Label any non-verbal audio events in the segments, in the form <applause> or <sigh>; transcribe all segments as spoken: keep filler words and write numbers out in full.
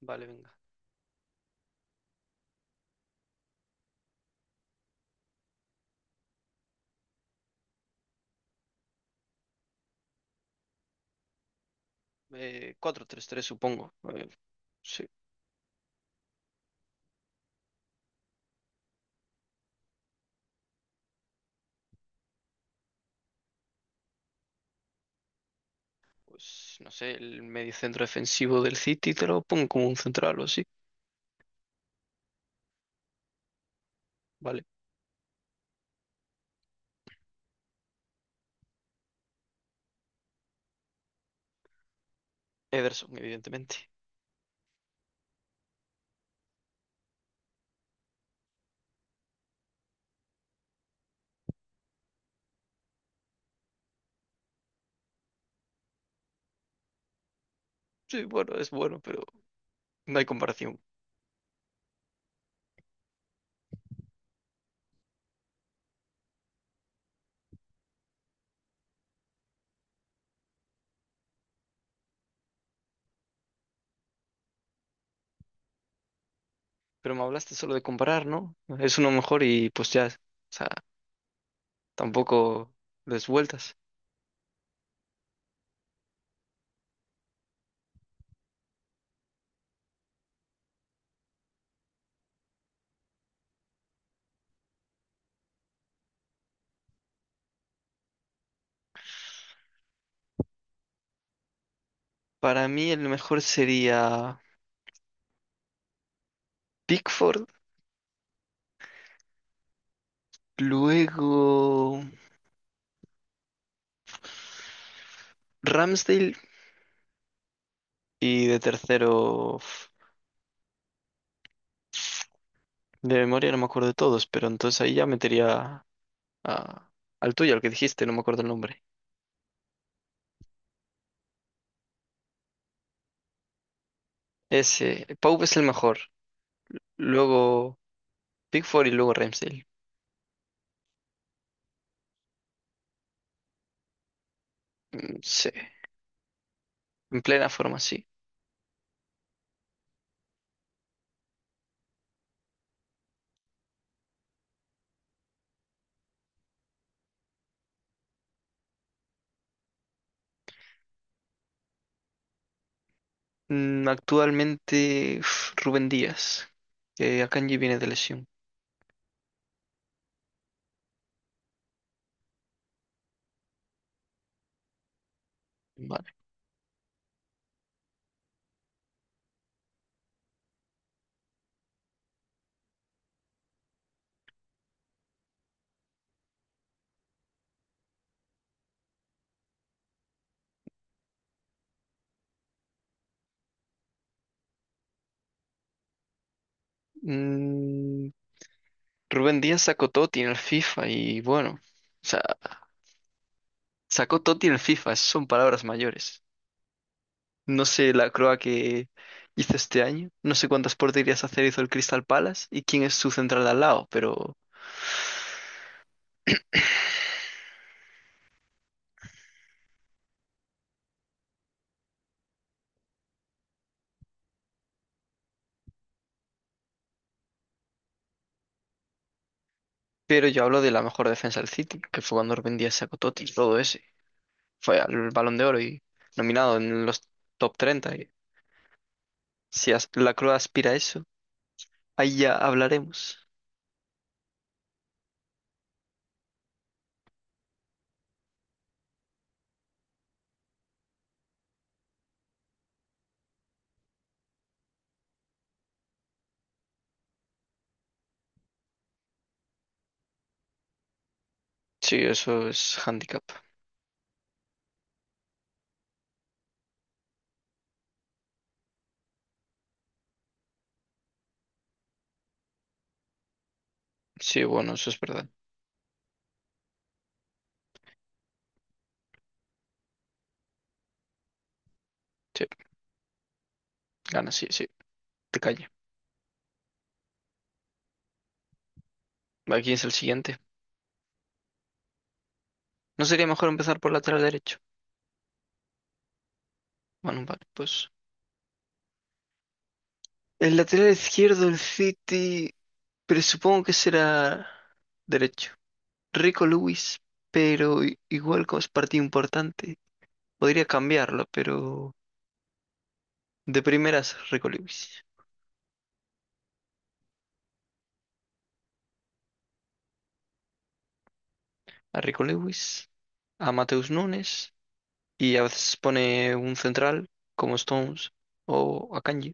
Vale, venga. Eh, cuatro tres 3 supongo. Eh, sí, pues no sé, el mediocentro defensivo del City te lo pongo como un central o así. Vale. Ederson, evidentemente. Sí, bueno, es bueno, pero no hay comparación. Pero me hablaste solo de comparar, ¿no? Es uno mejor y pues ya, o sea, tampoco des vueltas. Para mí el mejor sería Pickford, luego Ramsdale y de tercero. De memoria no me acuerdo de todos, pero entonces ahí ya metería a- al tuyo, al que dijiste, no me acuerdo el nombre. Ese, Pau es el mejor. Luego Pickford y luego Ramsdale. Mm, Sí, en plena forma, sí. Mm, Actualmente, uf, Rubén Díaz, que Akanji viene de lesión. Vale. Mm, Rubén Díaz sacó Totti en el FIFA y bueno, o sea, sacó Totti en el FIFA, son palabras mayores. No sé la croa que hizo este año. No sé cuántas porterías hacer hizo el Crystal Palace y quién es su central de al lado, pero, pero yo hablo de la mejor defensa del City, que fue cuando Rubén Díaz sacó Totti, todo ese. Fue al Balón de Oro y nominado en los top treinta, y si as- la croa aspira a eso, ahí ya hablaremos. Sí, eso es handicap. Sí, bueno, eso es verdad. Sí, gana, sí, sí. Te calla. ¿Quién es el siguiente? ¿No sería mejor empezar por lateral derecho? Bueno, vale, pues. El lateral izquierdo del City, presupongo que será derecho. Rico Lewis, pero i- igual como es partido importante, podría cambiarlo, pero de primeras Rico Lewis. A Rico Lewis, a Mateus Nunes y a veces pone un central como Stones o a Kanji.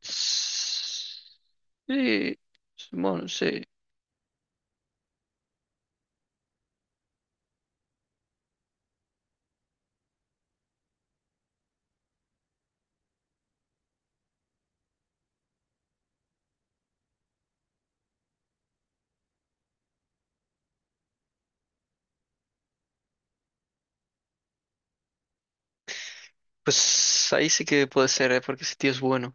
Sí, bueno, sí. Pues ahí sí que puede ser, ¿eh? Porque ese tío es bueno.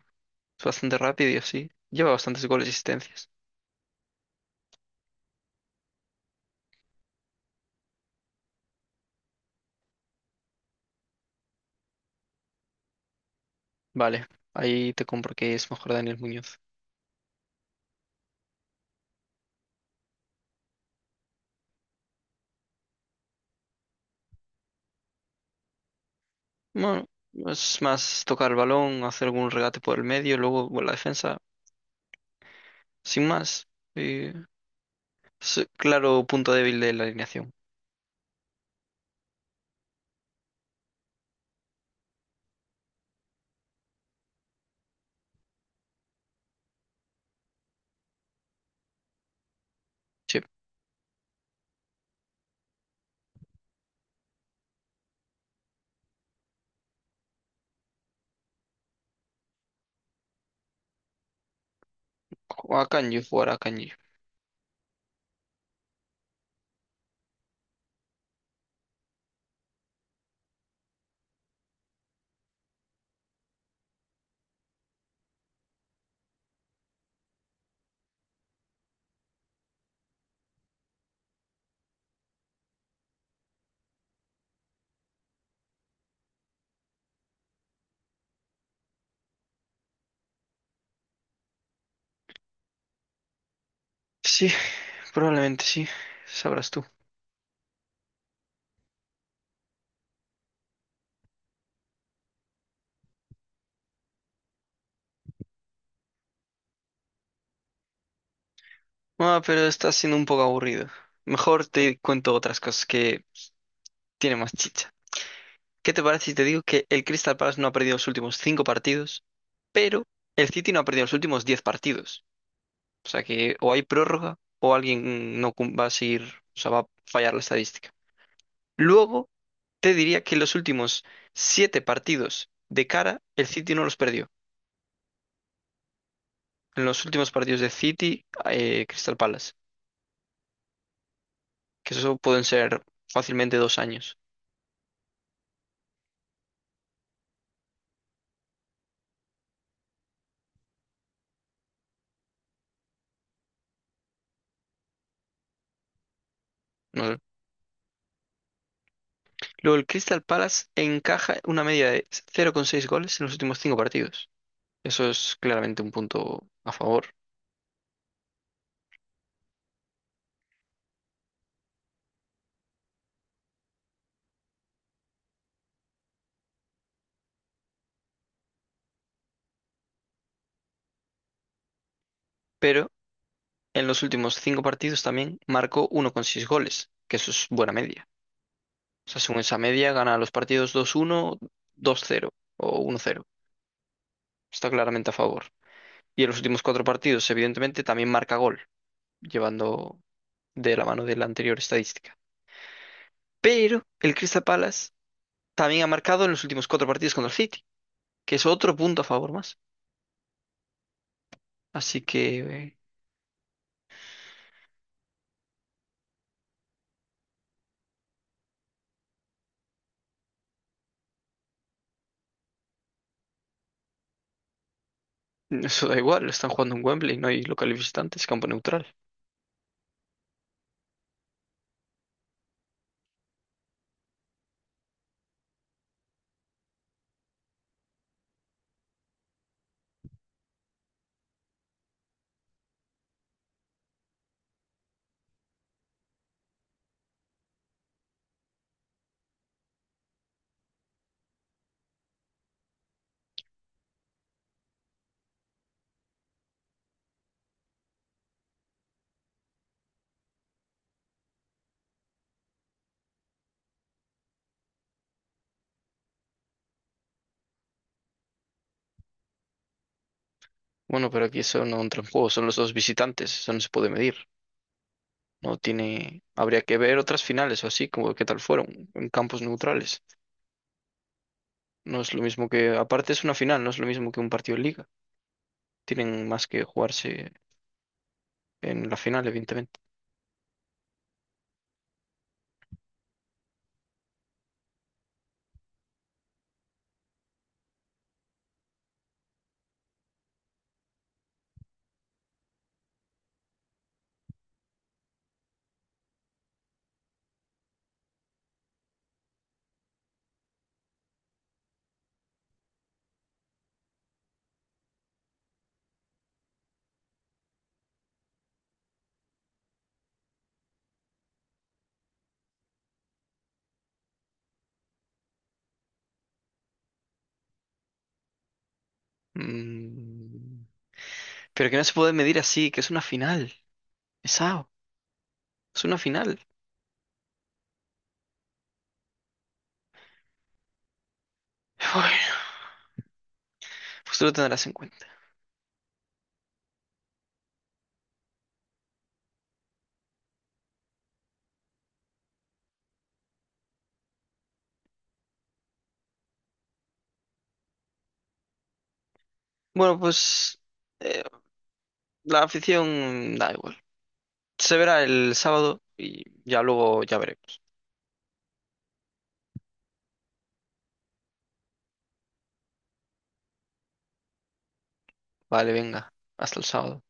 Es bastante rápido y así. Lleva bastantes goles y asistencias. Vale, ahí te compro que es mejor Daniel Muñoz. Bueno, es más tocar el balón, hacer algún regate por el medio, luego bueno, la defensa, sin más. Eh, es claro punto débil de la alineación. Sí, o a Kanji, jugar a Kanji. Sí, <laughs> probablemente sí, sabrás tú. Ah, pero está siendo un poco aburrido. Mejor te cuento otras cosas que tienen más chicha. ¿Qué te parece si te digo que el Crystal Palace no ha perdido los últimos cinco partidos, pero el City no ha perdido los últimos diez partidos? O sea que o hay prórroga o alguien no cum- va a seguir, o sea, va a fallar la estadística. Luego, te diría que los últimos siete partidos de cara, el City no los perdió. En los últimos partidos de City, eh, Crystal Palace, que eso pueden ser fácilmente dos años, ¿no? Luego, el Crystal Palace encaja una media de cero coma seis goles en los últimos cinco partidos. Eso es claramente un punto a favor. Pero en los últimos cinco partidos también marcó uno coma seis goles, que eso es buena media. O sea, según esa media, gana los partidos dos a uno, dos a cero o uno a cero. Está claramente a favor. Y en los últimos cuatro partidos, evidentemente, también marca gol, llevando de la mano de la anterior estadística. Pero el Crystal Palace también ha marcado en los últimos cuatro partidos contra el City, que es otro punto a favor más. Así que eh, eso da igual, están jugando en Wembley, no hay local visitante, es campo neutral. Bueno, pero aquí eso no entra en juego, son los dos visitantes, eso no se puede medir. No tiene, habría que ver otras finales o así, como qué tal fueron, en campos neutrales. No es lo mismo que, aparte es una final, no es lo mismo que un partido de liga. Tienen más que jugarse en la final, evidentemente. Mm, Pero que no se puede medir así, que es una final. Pesado, es una final. <laughs> Bueno, pues tú lo tendrás en cuenta. Bueno, pues eh, la afición da igual. Se verá el sábado y ya luego ya veremos. Vale, venga, hasta el sábado.